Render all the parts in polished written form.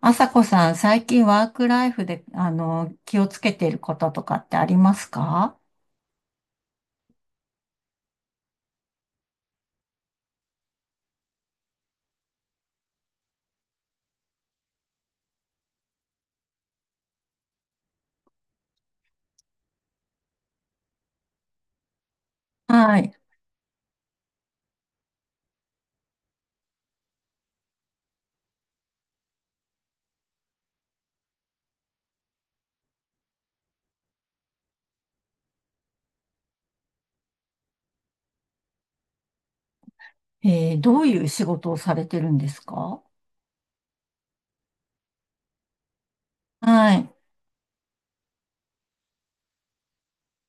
あさこさん、最近ワークライフで、気をつけていることとかってありますか？はい。えーどういう仕事をされてるんですか？はい。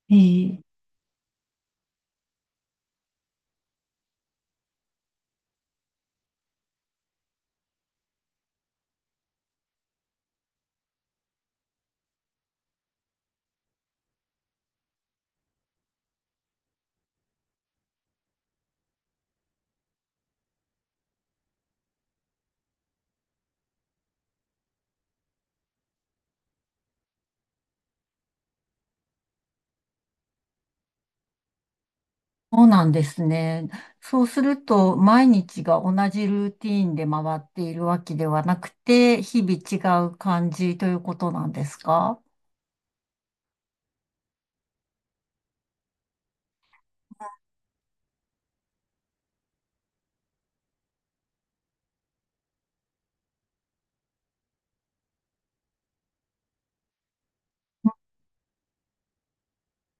えーそうなんですね。そうすると、毎日が同じルーティーンで回っているわけではなくて、日々違う感じということなんですか？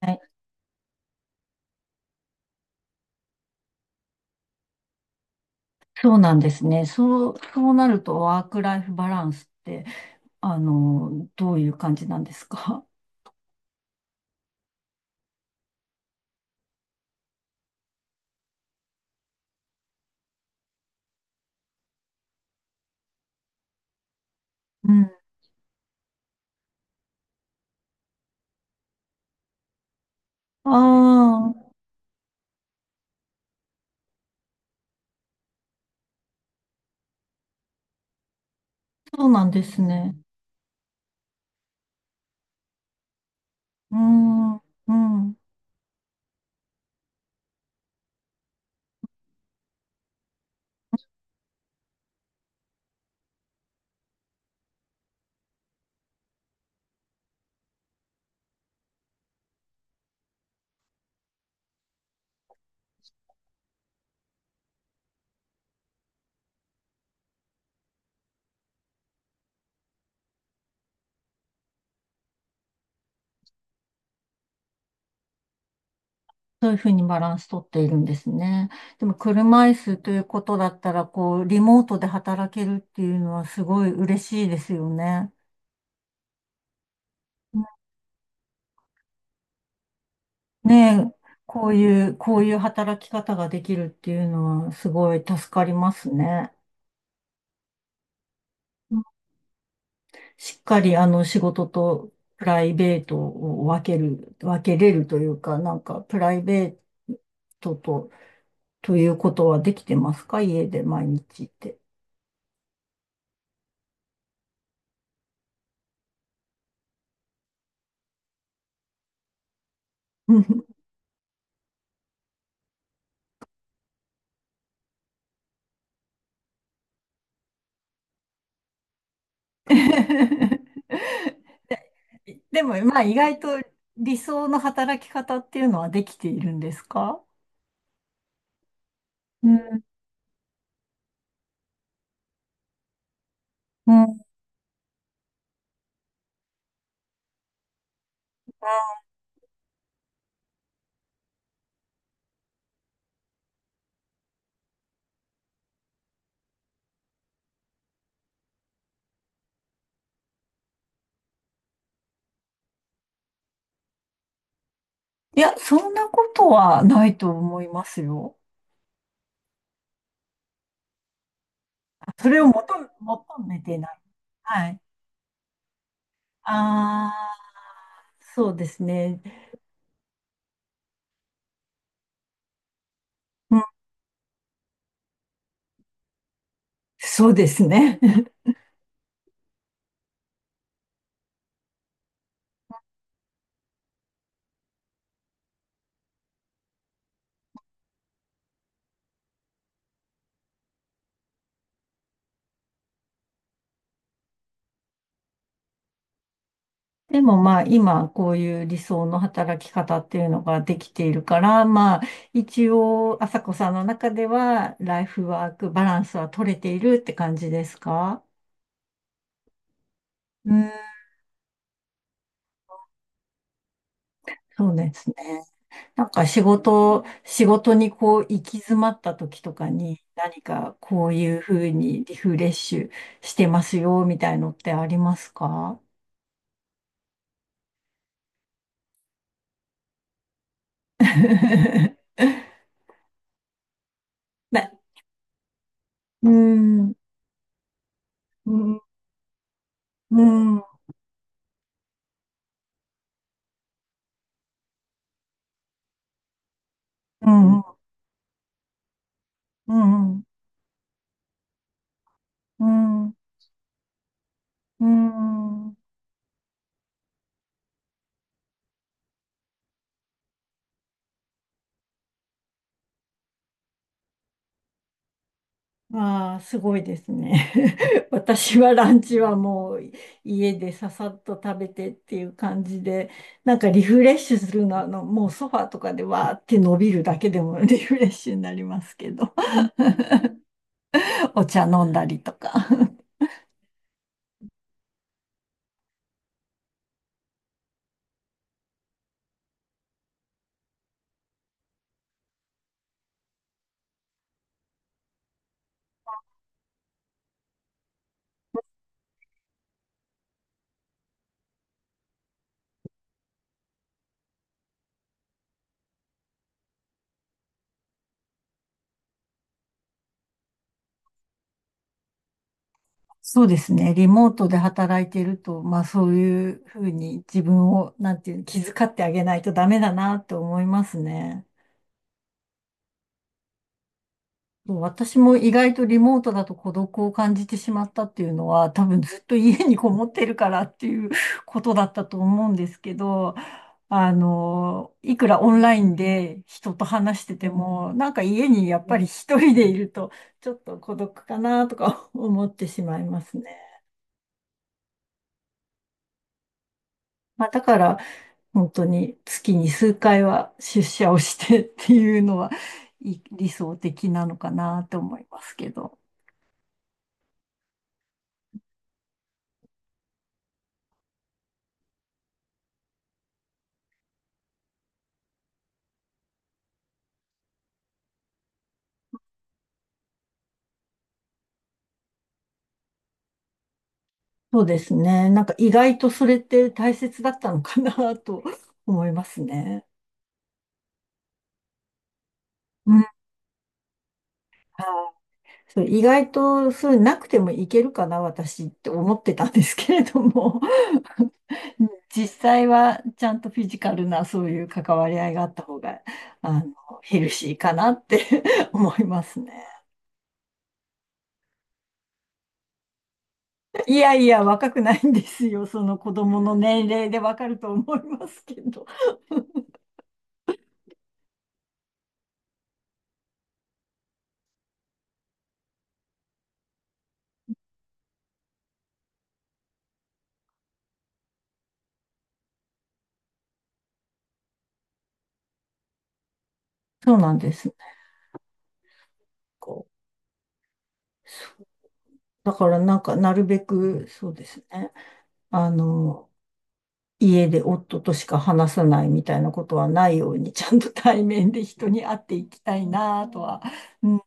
はい。そうなんですね。そうなると、ワークライフバランスって、どういう感じなんですか？うん。ああ。そうなんですね。うーん、うん。そういうふうにバランスとっているんですね。でも車椅子ということだったら、こう、リモートで働けるっていうのはすごい嬉しいですよね。ね、え、こういう、こういう働き方ができるっていうのはすごい助かりますね。うん。しっかりあの仕事とプライベートを分けれるというか、なんかプライベートと、ということはできてますか、家で毎日って。うん。 でも、まあ、意外と理想の働き方っていうのはできているんですか？うん、うん。いや、そんなことはないと思いますよ。あ、それを求めてない。はい。ああ、そうですね。うん、そうですね。でもまあ今こういう理想の働き方っていうのができているから、まあ一応朝子さんの中ではライフワークバランスは取れているって感じですか？うん、そうですね。なんか仕事にこう行き詰まった時とかに何かこういうふうにリフレッシュしてますよみたいのってありますか？ な、うーん、うん、うん、うん、うん、うん。うん。うーん。ああ、すごいですね。私はランチはもう家でささっと食べてっていう感じで、なんかリフレッシュするのは、もうソファーとかでわーって伸びるだけでも リフレッシュになりますけど、お茶飲んだりとか。そうですね。リモートで働いていると、まあそういうふうに自分を、なんていうの、気遣ってあげないとダメだなって思いますね。もう私も意外とリモートだと孤独を感じてしまったっていうのは、多分ずっと家にこもってるからっていうことだったと思うんですけど、いくらオンラインで人と話してても、なんか家にやっぱり一人でいると、ちょっと孤独かなとか思ってしまいますね。まあ、だから、本当に月に数回は出社をしてっていうのは、い理想的なのかなと思いますけど。そうですね。なんか意外とそれって大切だったのかな と思いますね。うん。はい。そう、意外とそういうなくてもいけるかな、私って思ってたんですけれども 実際はちゃんとフィジカルなそういう関わり合いがあった方が、あの、ヘルシーかなって 思いますね。いやいや、若くないんですよ。その子供の年齢でわかると思いますけど。そうなんですね。こうだからなんか、なるべく、そうですね。あの、家で夫としか話さないみたいなことはないように、ちゃんと対面で人に会っていきたいなとは。うん、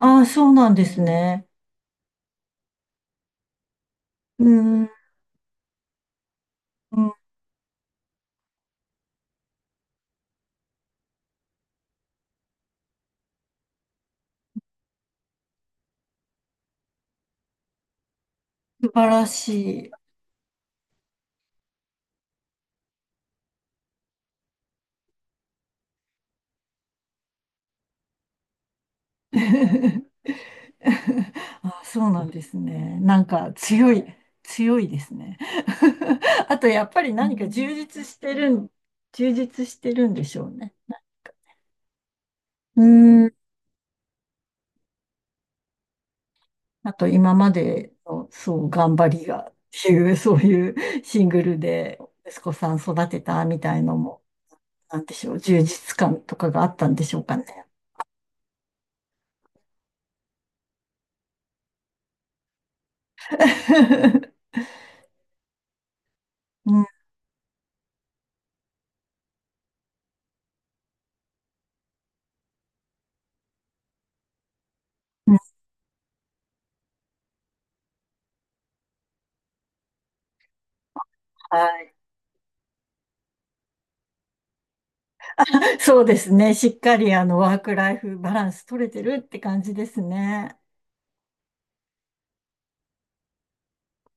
ああ、そうなんですね。うん、うん、素晴らしい。あ、そうなんですね。なんか強い、強いですね。あとやっぱり何か充実してるん、充実してるんでしょうね。うーん。あと今までの、そう、頑張りがっていう、そういうシングルで息子さん育てたみたいのも、なんでしょう、充実感とかがあったんでしょうかね。うん。うん。はい。そうですね。しっかりあのワークライフバランス取れてるって感じですね。